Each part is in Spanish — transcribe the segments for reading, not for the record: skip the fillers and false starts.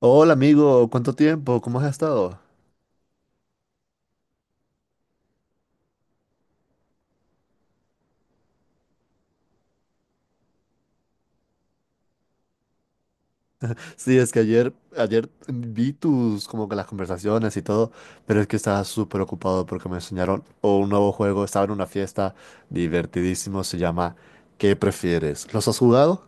Hola amigo, ¿cuánto tiempo? ¿Cómo has estado? Sí, es que ayer vi tus, como que las conversaciones y todo, pero es que estaba súper ocupado porque me enseñaron o un nuevo juego, estaba en una fiesta divertidísimo, se llama ¿Qué prefieres? ¿Los has jugado?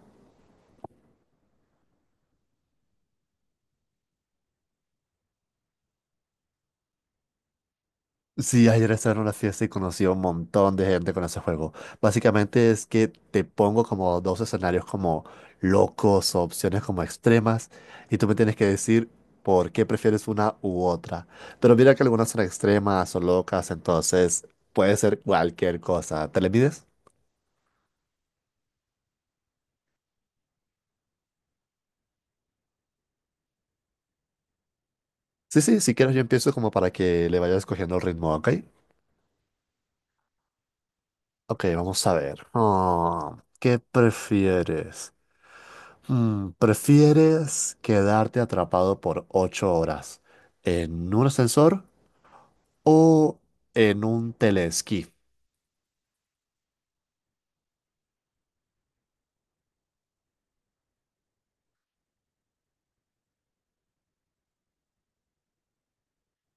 Sí, ayer estaba en una fiesta y conocí a un montón de gente con ese juego. Básicamente es que te pongo como dos escenarios como locos o opciones como extremas y tú me tienes que decir por qué prefieres una u otra. Pero mira que algunas son extremas o locas, entonces puede ser cualquier cosa. ¿Te le mides? Sí, sí, si quieres yo empiezo como para que le vayas cogiendo el ritmo, ¿ok? Ok, vamos a ver. Ah, ¿qué prefieres? ¿Prefieres quedarte atrapado por 8 horas en un ascensor o en un telesquí?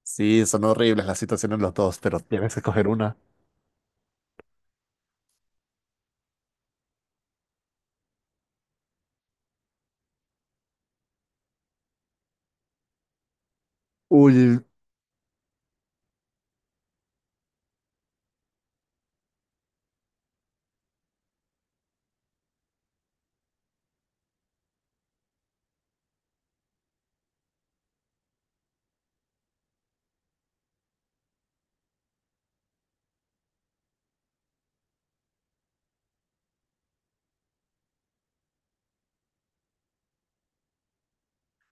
Sí, son horribles las situaciones los dos, pero tienes que escoger una. Uy.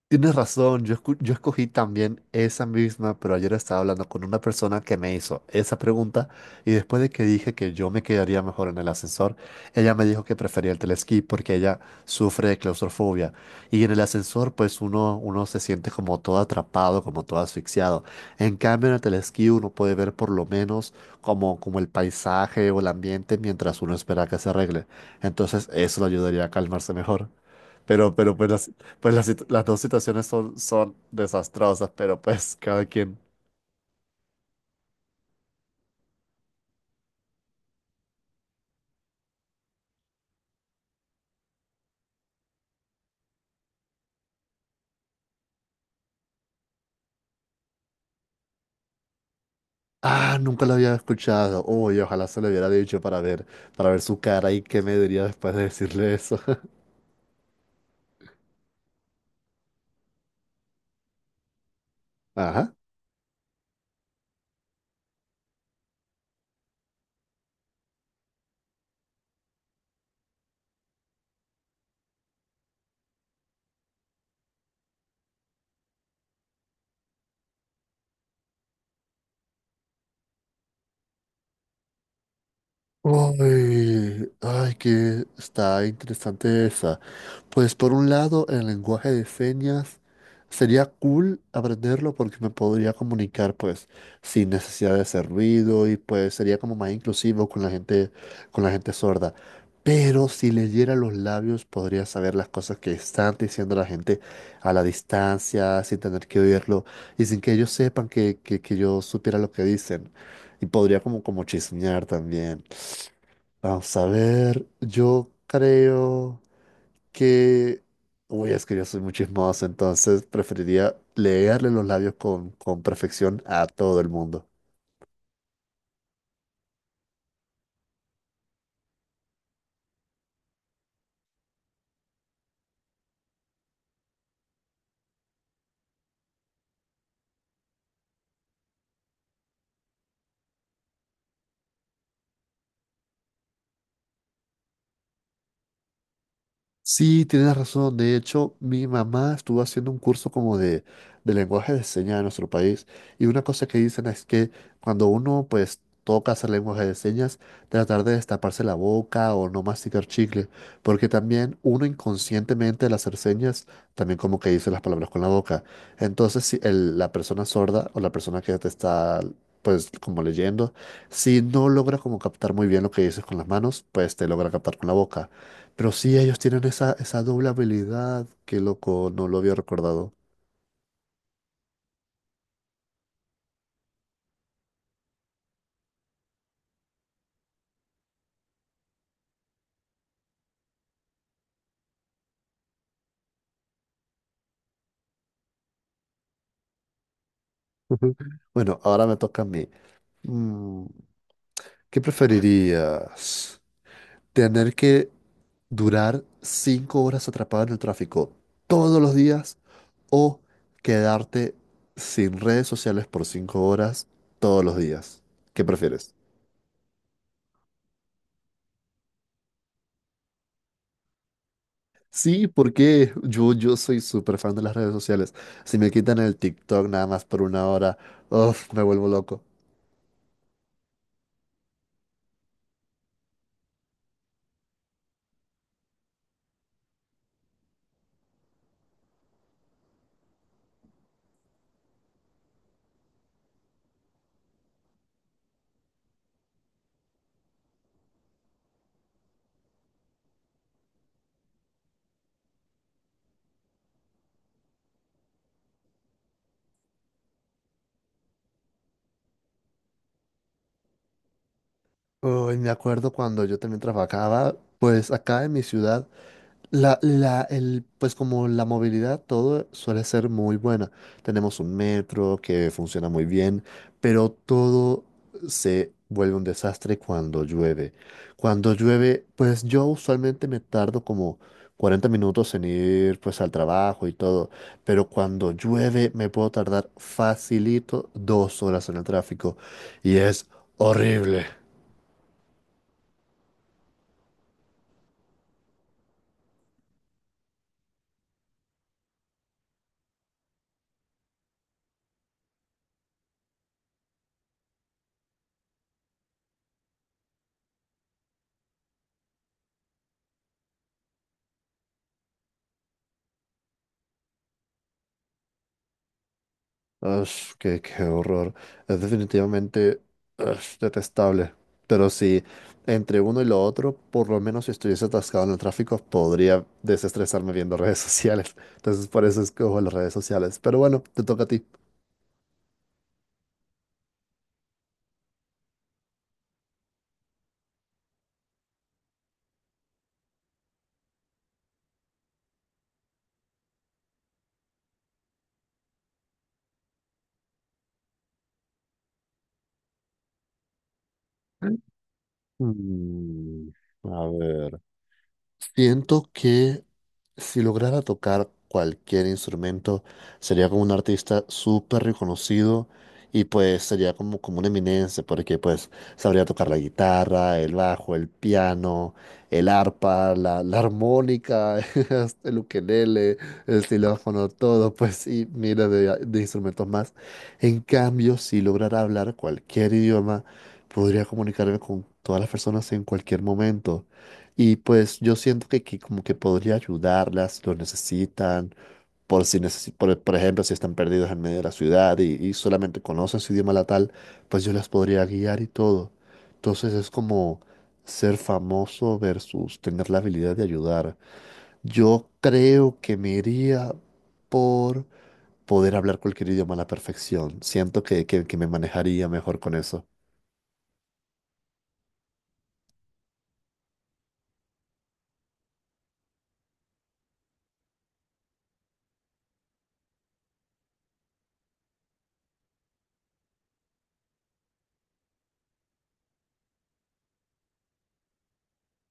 Tienes razón, yo, yo escogí también esa misma, pero ayer estaba hablando con una persona que me hizo esa pregunta y después de que dije que yo me quedaría mejor en el ascensor, ella me dijo que prefería el telesquí porque ella sufre de claustrofobia y en el ascensor pues uno se siente como todo atrapado, como todo asfixiado. En cambio en el telesquí uno puede ver por lo menos como, como el paisaje o el ambiente mientras uno espera que se arregle. Entonces eso le ayudaría a calmarse mejor. Pero pues las las dos situaciones son, son desastrosas, pero pues cada quien. Ah, nunca lo había escuchado. Uy, ojalá se lo hubiera dicho para ver su cara y qué me diría después de decirle eso. Ajá. Ay, ay, que está interesante esa. Pues por un lado, el lenguaje de señas sería cool aprenderlo porque me podría comunicar pues sin necesidad de hacer ruido y pues sería como más inclusivo con la gente sorda. Pero si leyera los labios podría saber las cosas que están diciendo la gente a la distancia, sin tener que oírlo y sin que ellos sepan que yo supiera lo que dicen. Y podría como, como chismear también. Vamos a ver, yo creo que... Uy, es que yo soy muy chismoso, entonces preferiría leerle los labios con perfección a todo el mundo. Sí, tienes razón. De hecho, mi mamá estuvo haciendo un curso como de lenguaje de señas en nuestro país y una cosa que dicen es que cuando uno pues toca hacer lenguaje de señas, tratar de destaparse la boca o no masticar chicle, porque también uno inconscientemente al hacer señas también como que dice las palabras con la boca. Entonces, si la persona sorda o la persona que te está pues como leyendo, si no logra como captar muy bien lo que dices con las manos, pues te logra captar con la boca. Pero sí, ellos tienen esa, esa doble habilidad. Qué loco, no lo había recordado. Ujú. Bueno, ahora me toca a mí. Mm, ¿Qué preferirías? ¿Tener que durar 5 horas atrapado en el tráfico todos los días o quedarte sin redes sociales por 5 horas todos los días? ¿Qué prefieres? Sí, porque yo soy súper fan de las redes sociales. Si me quitan el TikTok nada más por una hora, uf, me vuelvo loco. Uy, me acuerdo cuando yo también trabajaba, pues acá en mi ciudad, pues como la movilidad, todo suele ser muy buena. Tenemos un metro que funciona muy bien, pero todo se vuelve un desastre cuando llueve. Cuando llueve, pues yo usualmente me tardo como 40 minutos en ir pues al trabajo y todo, pero cuando llueve me puedo tardar facilito 2 horas en el tráfico y es horrible. Ash, qué, qué horror. Es definitivamente ash, detestable. Pero si entre uno y lo otro, por lo menos si estuviese atascado en el tráfico, podría desestresarme viendo redes sociales. Entonces por eso escojo las redes sociales. Pero bueno, te toca a ti. Mm, a ver. Siento que si lograra tocar cualquier instrumento, sería como un artista súper reconocido y pues sería como, como una eminencia, porque pues sabría tocar la guitarra, el bajo, el piano, el arpa, la armónica, hasta el ukelele, el xilófono, todo, pues y mira de instrumentos más. En cambio, si lograra hablar cualquier idioma, podría comunicarme con todas las personas en cualquier momento. Y pues yo siento que como que podría ayudarlas, lo necesitan, por si por ejemplo, si están perdidos en medio de la ciudad y solamente conocen su idioma natal, pues yo las podría guiar y todo. Entonces es como ser famoso versus tener la habilidad de ayudar. Yo creo que me iría por poder hablar cualquier idioma a la perfección. Siento que me manejaría mejor con eso.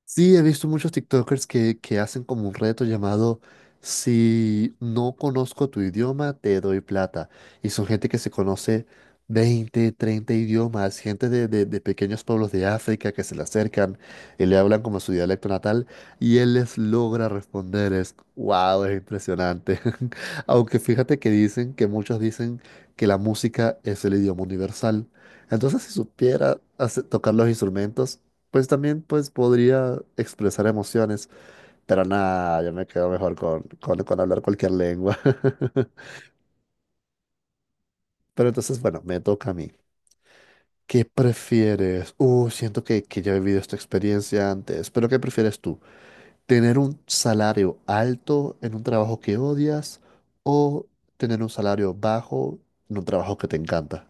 Sí, he visto muchos TikTokers que hacen como un reto llamado Si no conozco tu idioma, te doy plata. Y son gente que se conoce 20, 30 idiomas, gente de pequeños pueblos de África que se le acercan y le hablan como su dialecto natal y él les logra responder. Es, wow, es impresionante. Aunque fíjate que dicen, que muchos dicen que la música es el idioma universal. Entonces, si tocar los instrumentos, pues también pues podría expresar emociones, pero nada, yo me quedo mejor con hablar cualquier lengua. Pero entonces, bueno, me toca a mí. ¿Qué prefieres? Siento que ya he vivido esta experiencia antes, pero ¿qué prefieres tú? ¿Tener un salario alto en un trabajo que odias o tener un salario bajo en un trabajo que te encanta?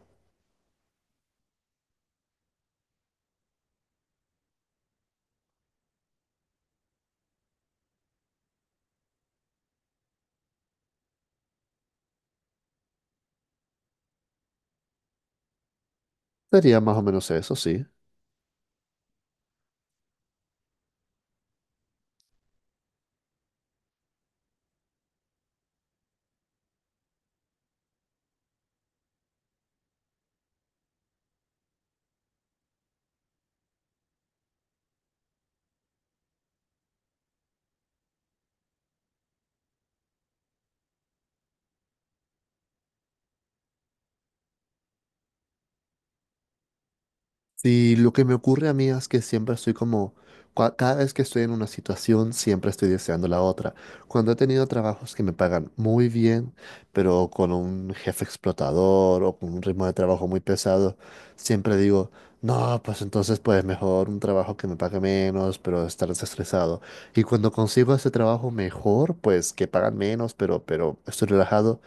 Sería más o menos eso, sí. Sí, lo que me ocurre a mí es que siempre estoy como, cada vez que estoy en una situación, siempre estoy deseando la otra. Cuando he tenido trabajos que me pagan muy bien, pero con un jefe explotador o con un ritmo de trabajo muy pesado, siempre digo, no, pues entonces pues mejor un trabajo que me pague menos, pero estar desestresado. Y cuando consigo ese trabajo mejor, pues que pagan menos, pero estoy relajado,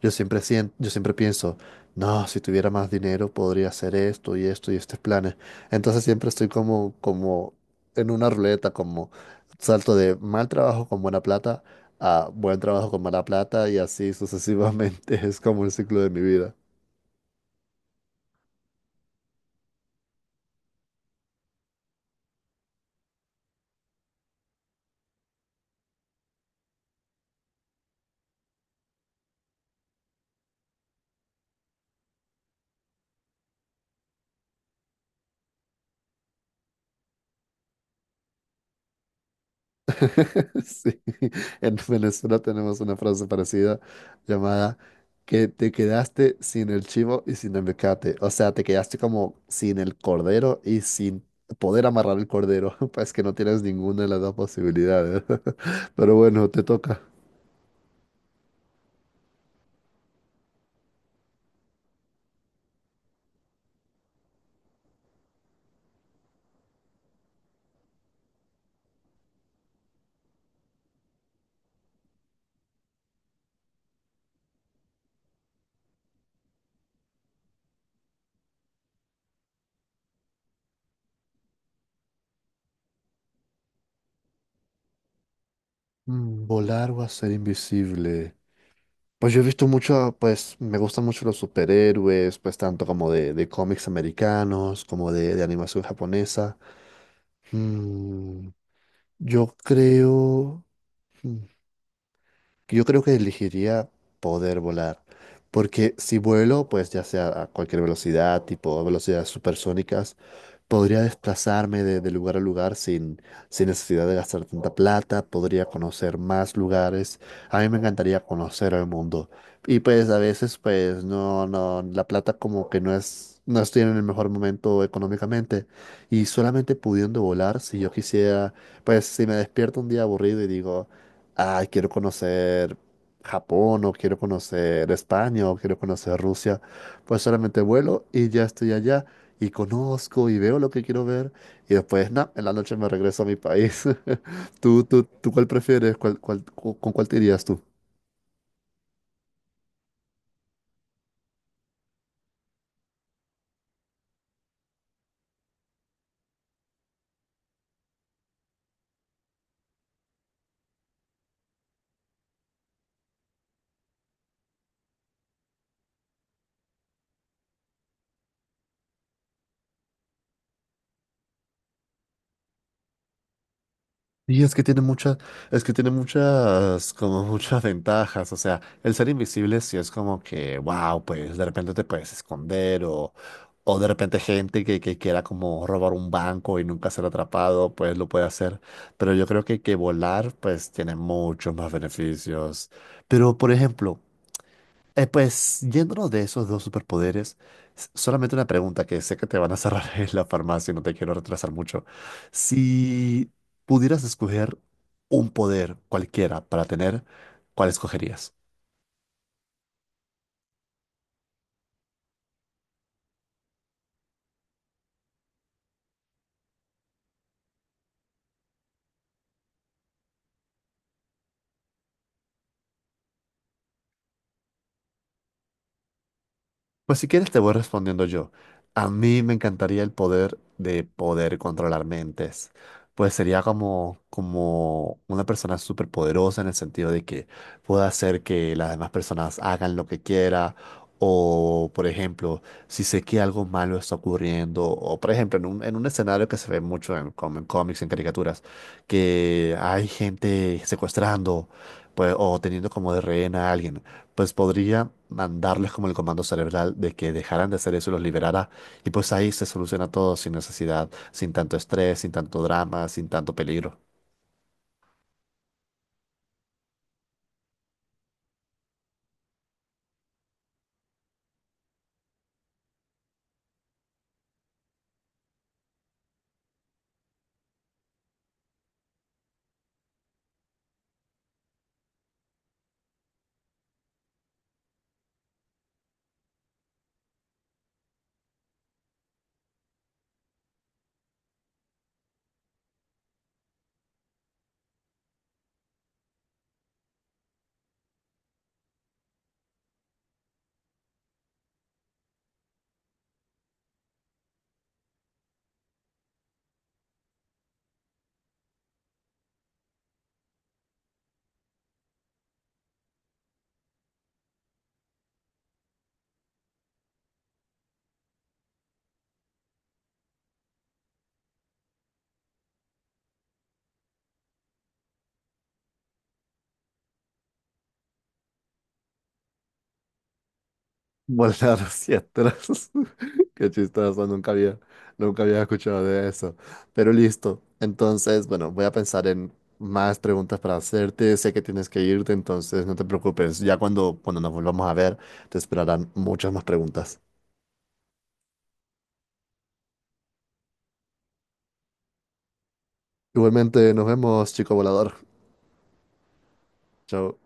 yo siempre siento, yo siempre pienso no, si tuviera más dinero podría hacer esto y esto y estos planes. Entonces siempre estoy como, como en una ruleta, como salto de mal trabajo con buena plata a buen trabajo con mala plata y así sucesivamente. Es como el ciclo de mi vida. Sí, en Venezuela tenemos una frase parecida llamada que te quedaste sin el chivo y sin el mecate. O sea, te quedaste como sin el cordero y sin poder amarrar el cordero. Pues que no tienes ninguna de las dos posibilidades. Pero bueno, te toca. Mm, volar o hacer invisible. Pues yo he visto mucho, pues me gustan mucho los superhéroes, pues tanto como de cómics americanos, como de animación japonesa. Mm, yo creo, mm, yo creo que elegiría poder volar, porque si vuelo, pues ya sea a cualquier velocidad, tipo velocidades supersónicas, podría desplazarme de lugar a lugar sin, sin necesidad de gastar tanta plata, podría conocer más lugares. A mí me encantaría conocer el mundo. Y pues a veces, pues no, no, la plata como que no es, no estoy en el mejor momento económicamente. Y solamente pudiendo volar, si yo quisiera, pues si me despierto un día aburrido y digo, ay, quiero conocer Japón o quiero conocer España o quiero conocer Rusia, pues solamente vuelo y ya estoy allá y conozco y veo lo que quiero ver y después, na, en la noche me regreso a mi país. ¿Tú cuál prefieres? ¿Cuál, con cuál te irías tú? Y es que tiene muchas, es que tiene muchas, como muchas ventajas. O sea, el ser invisible sí es como que, wow, pues de repente te puedes esconder o de repente gente que quiera como robar un banco y nunca ser atrapado, pues lo puede hacer. Pero yo creo que volar, pues tiene muchos más beneficios. Pero, por ejemplo, eh, pues yéndonos de esos dos superpoderes, solamente una pregunta que sé que te van a cerrar en la farmacia y no te quiero retrasar mucho. Si pudieras escoger un poder cualquiera para tener, ¿cuál escogerías? Pues si quieres te voy respondiendo yo. A mí me encantaría el poder de poder controlar mentes. Pues sería como, como una persona súper poderosa en el sentido de que pueda hacer que las demás personas hagan lo que quiera. O, por ejemplo, si sé que algo malo está ocurriendo. O, por ejemplo, en un escenario que se ve mucho en, en cómics, en caricaturas, que hay gente secuestrando, pues, o teniendo como de rehén a alguien pues podría mandarles como el comando cerebral de que dejaran de hacer eso y los liberara. Y pues ahí se soluciona todo sin necesidad, sin tanto estrés, sin tanto drama, sin tanto peligro. Volar hacia atrás. Qué chistoso, nunca había, nunca había escuchado de eso. Pero listo. Entonces, bueno, voy a pensar en más preguntas para hacerte. Sé que tienes que irte, entonces no te preocupes. Ya cuando, cuando nos volvamos a ver, te esperarán muchas más preguntas. Igualmente, nos vemos, chico volador. Chao.